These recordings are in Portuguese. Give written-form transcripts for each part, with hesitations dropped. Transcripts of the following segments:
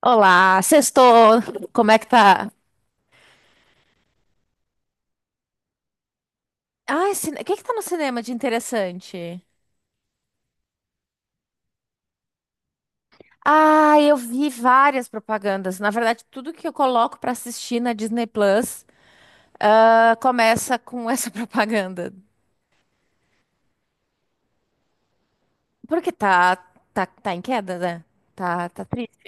Olá, sextou. Como é que tá? Ai, cine... o que que tá no cinema de interessante? Ah, eu vi várias propagandas. Na verdade, tudo que eu coloco pra assistir na Disney Plus, começa com essa propaganda. Porque tá em queda, né? Tá triste.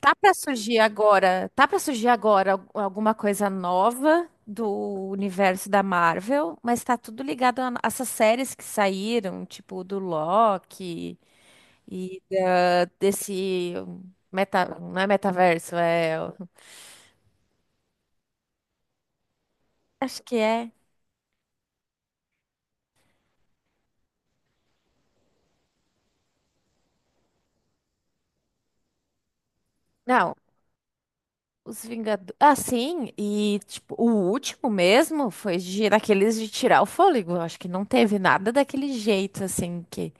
Tá pra surgir agora, tá pra surgir agora alguma coisa nova do universo da Marvel, mas tá tudo ligado a essas séries que saíram, tipo do Loki. E desse meta, não é metaverso, é, acho que é. Não, os Vingadores. Ah, sim, e tipo, o último mesmo foi daqueles de tirar o fôlego. Eu acho que não teve nada daquele jeito assim que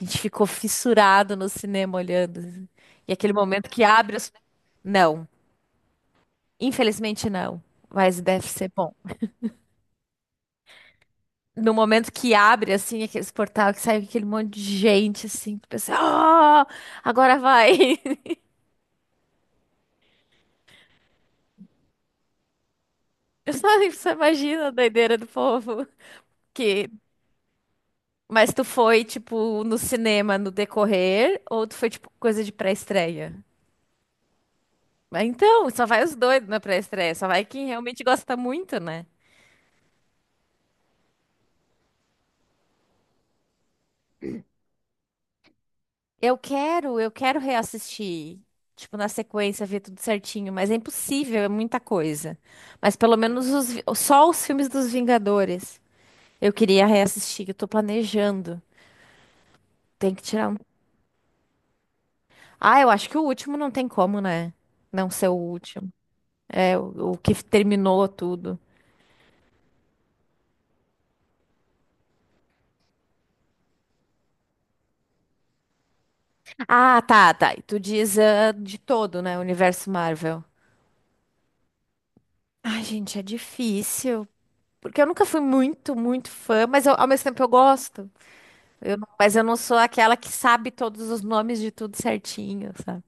a gente ficou fissurado no cinema olhando assim. E aquele momento que abre os... Não, infelizmente não, mas deve ser bom. No momento que abre, assim, aqueles portal que sai aquele monte de gente, assim, que pensa, oh, agora vai. Eu só, só imagino a doideira do povo. Que... Mas tu foi, tipo, no cinema no decorrer, ou tu foi, tipo, coisa de pré-estreia? Mas então, só vai os doidos na pré-estreia, só vai quem realmente gosta muito, né? Eu quero reassistir, tipo, na sequência, ver tudo certinho, mas é impossível, é muita coisa. Mas pelo menos só os filmes dos Vingadores. Eu queria reassistir, eu tô planejando. Tem que tirar um. Ah, eu acho que o último não tem como, né? Não ser o último. É, o que terminou tudo. Ah, tá, tá. E tu diz ah, de todo, né? O universo Marvel. Ai, gente, é difícil. Porque eu nunca fui muito, muito fã, mas ao mesmo tempo eu gosto. Eu não- Mas eu não sou aquela que sabe todos os nomes de tudo certinho, sabe?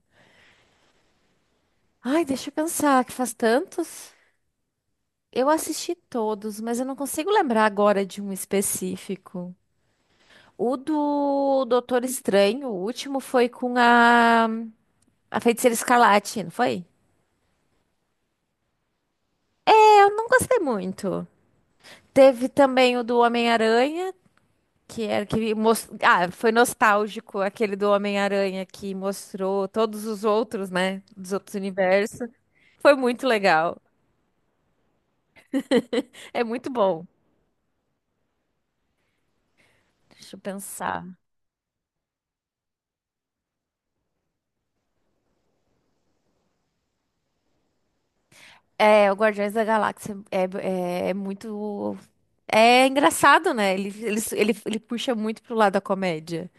Ai, deixa eu pensar, que faz tantos. Eu assisti todos, mas eu não consigo lembrar agora de um específico. O do Doutor Estranho, o último foi com a Feiticeira Escarlate, não foi? Eu não gostei muito. Teve também o do Homem-Aranha, que era que foi nostálgico aquele do Homem-Aranha que mostrou todos os outros, né, dos outros universos. Foi muito legal. É muito bom. Deixa eu pensar. É, o Guardiões da Galáxia é muito. É engraçado, né? Ele puxa muito pro lado da comédia.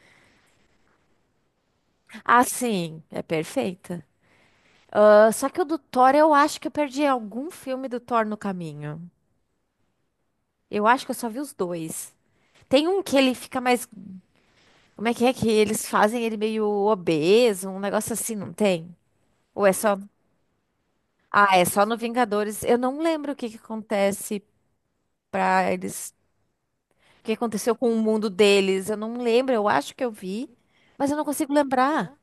Ah, sim, é perfeita. Ah, só que o do Thor, eu acho que eu perdi algum filme do Thor no caminho. Eu acho que eu só vi os dois. Tem um que ele fica mais. Como é que eles fazem ele meio obeso, um negócio assim, não tem? Ou é só. Ah, é só no Vingadores. Eu não lembro o que que acontece pra eles. O que aconteceu com o mundo deles. Eu não lembro, eu acho que eu vi, mas eu não consigo lembrar.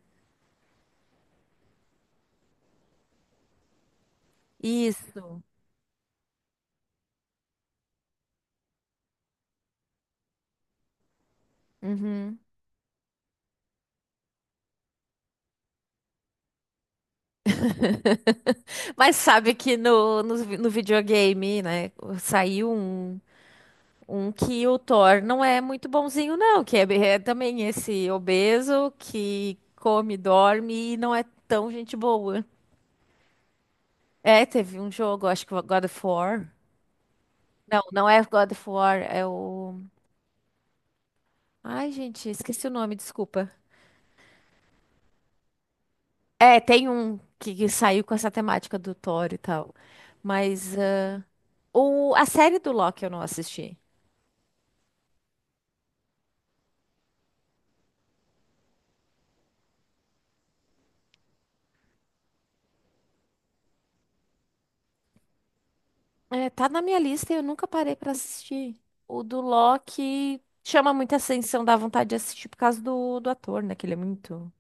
Isso. Uhum. Mas sabe que no videogame, né? Saiu um. Um que o Thor não é muito bonzinho, não, que é também esse obeso que come, dorme e não é tão gente boa. É, teve um jogo, acho que o God of War. Não, não é God of War, é o... Ai, gente, esqueci o nome, desculpa. É, tem um que saiu com essa temática do Thor e tal. Mas ah, a série do Loki eu não assisti. É, tá na minha lista e eu nunca parei pra assistir. O do Loki chama muita atenção, dá vontade de assistir por causa do ator, né? Que ele é muito.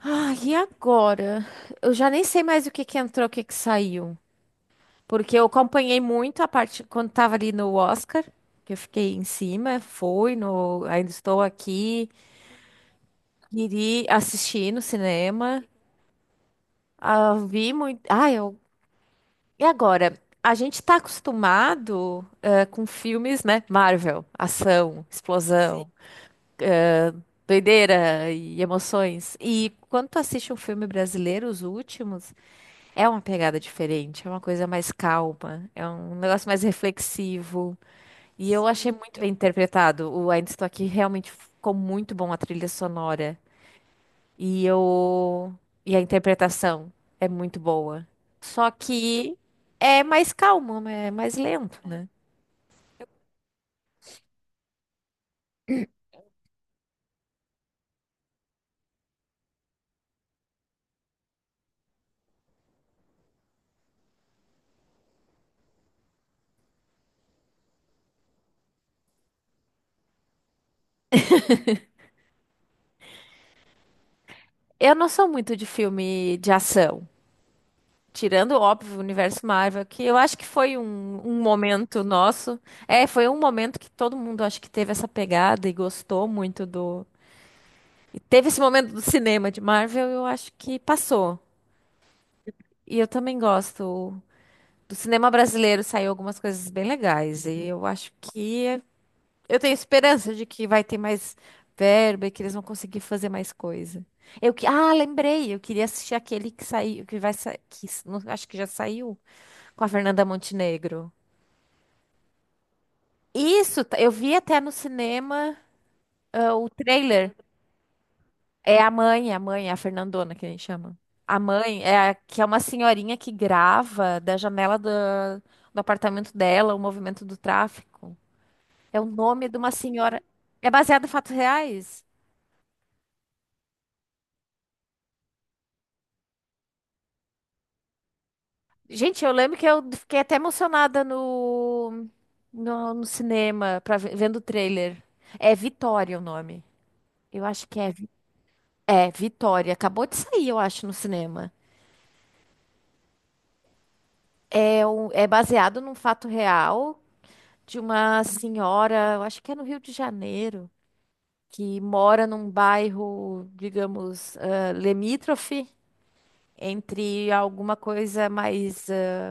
Ah, e agora? Eu já nem sei mais o que que entrou, o que que saiu. Porque eu acompanhei muito a parte quando tava ali no Oscar, que eu fiquei em cima, fui no Ainda Estou Aqui, iri assistir no cinema. Ah, vi muito. Ah, eu E agora, a gente está acostumado com filmes, né? Marvel, ação, sim, explosão, doideira e emoções. E quando tu assiste um filme brasileiro, os últimos, é uma pegada diferente, é uma coisa mais calma, é um negócio mais reflexivo. E eu achei, sim, muito bem interpretado. O Ainda Estou Aqui realmente ficou muito bom, a trilha sonora. E eu... E a interpretação é muito boa. Só que é mais calmo, né, é mais lento, né? Eu não sou muito de filme de ação. Tirando, óbvio, o universo Marvel, que eu acho que foi um momento nosso. É, foi um momento que todo mundo acho que teve essa pegada e gostou muito do... E teve esse momento do cinema de Marvel, eu acho que passou. E eu também gosto. Do cinema brasileiro saiu algumas coisas bem legais. E eu acho que é... Eu tenho esperança de que vai ter mais verba e que eles vão conseguir fazer mais coisa. Eu que, ah, lembrei, eu queria assistir aquele que saiu, que vai sair, que s- não- acho que já saiu, com a Fernanda Montenegro. Isso, eu vi até no cinema, ah, o trailer. É a mãe, a mãe, a Fernandona que a gente chama. A mãe que é uma senhorinha que grava da janela do apartamento dela o movimento do tráfico. É o nome de uma senhora. É baseado em fatos reais? Gente, eu lembro que eu fiquei até emocionada no cinema, pra, vendo o trailer. É Vitória o nome. Eu acho que é, é Vitória. Acabou de sair, eu acho, no cinema. É, um, é baseado num fato real de uma senhora, eu acho que é no Rio de Janeiro, que mora num bairro, digamos, ah, limítrofe entre alguma coisa mais ah,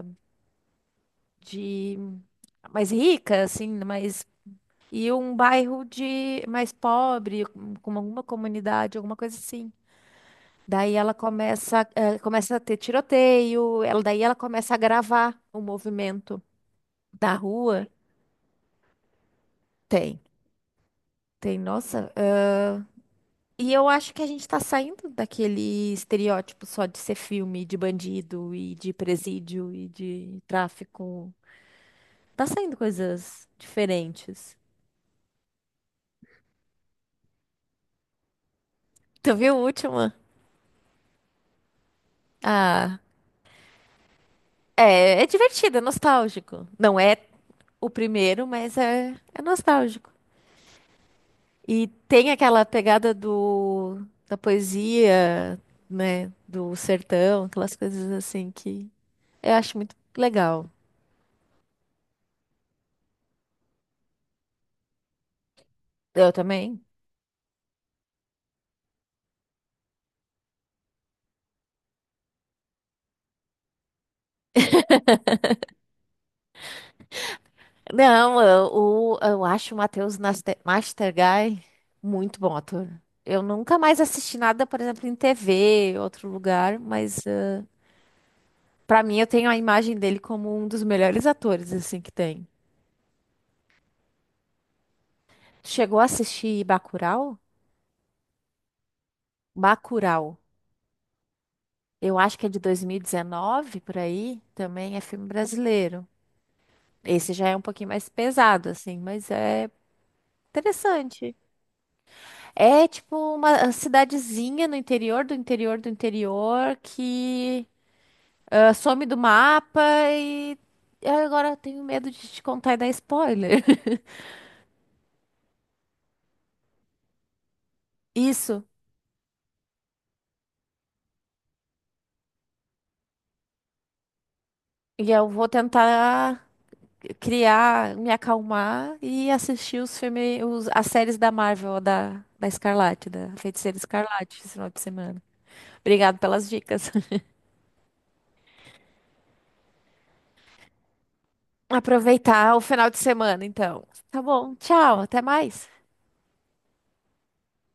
de mais rica, assim, mais... E um bairro de mais pobre, com alguma comunidade, alguma coisa assim. Daí ela começa, eh, começa a ter tiroteio, ela, daí ela começa a gravar o movimento da rua. Tem, Tem, nossa. Eh, e eu acho que a gente está saindo daquele estereótipo só de ser filme de bandido e de presídio e de tráfico. Tá saindo coisas diferentes. Tu viu o último? Ah, é, é divertido, é nostálgico. Não é o primeiro, mas é nostálgico. E tem aquela pegada da poesia, né? Do sertão, aquelas coisas assim que eu acho muito legal. Eu também. Não, eu, eu acho o Mastergai muito bom ator. Eu nunca mais assisti nada, por exemplo, em TV, outro lugar, mas eh, pra mim eu tenho a imagem dele como um dos melhores atores assim que tem. Chegou a assistir Bacurau? Bacurau. Eu acho que é de 2019, por aí. Também é filme brasileiro. Esse já é um pouquinho mais pesado, assim, mas é interessante. É tipo uma cidadezinha no interior do interior do interior que ah, some do mapa e eu agora tenho medo de te contar e dar spoiler. Isso. E eu vou tentar criar, me acalmar e assistir os filmes, as séries da Marvel, da Escarlate, da Feiticeira Escarlate, esse final de semana. Obrigado pelas dicas. Aproveitar o final de semana, então. Tá bom, tchau, até mais.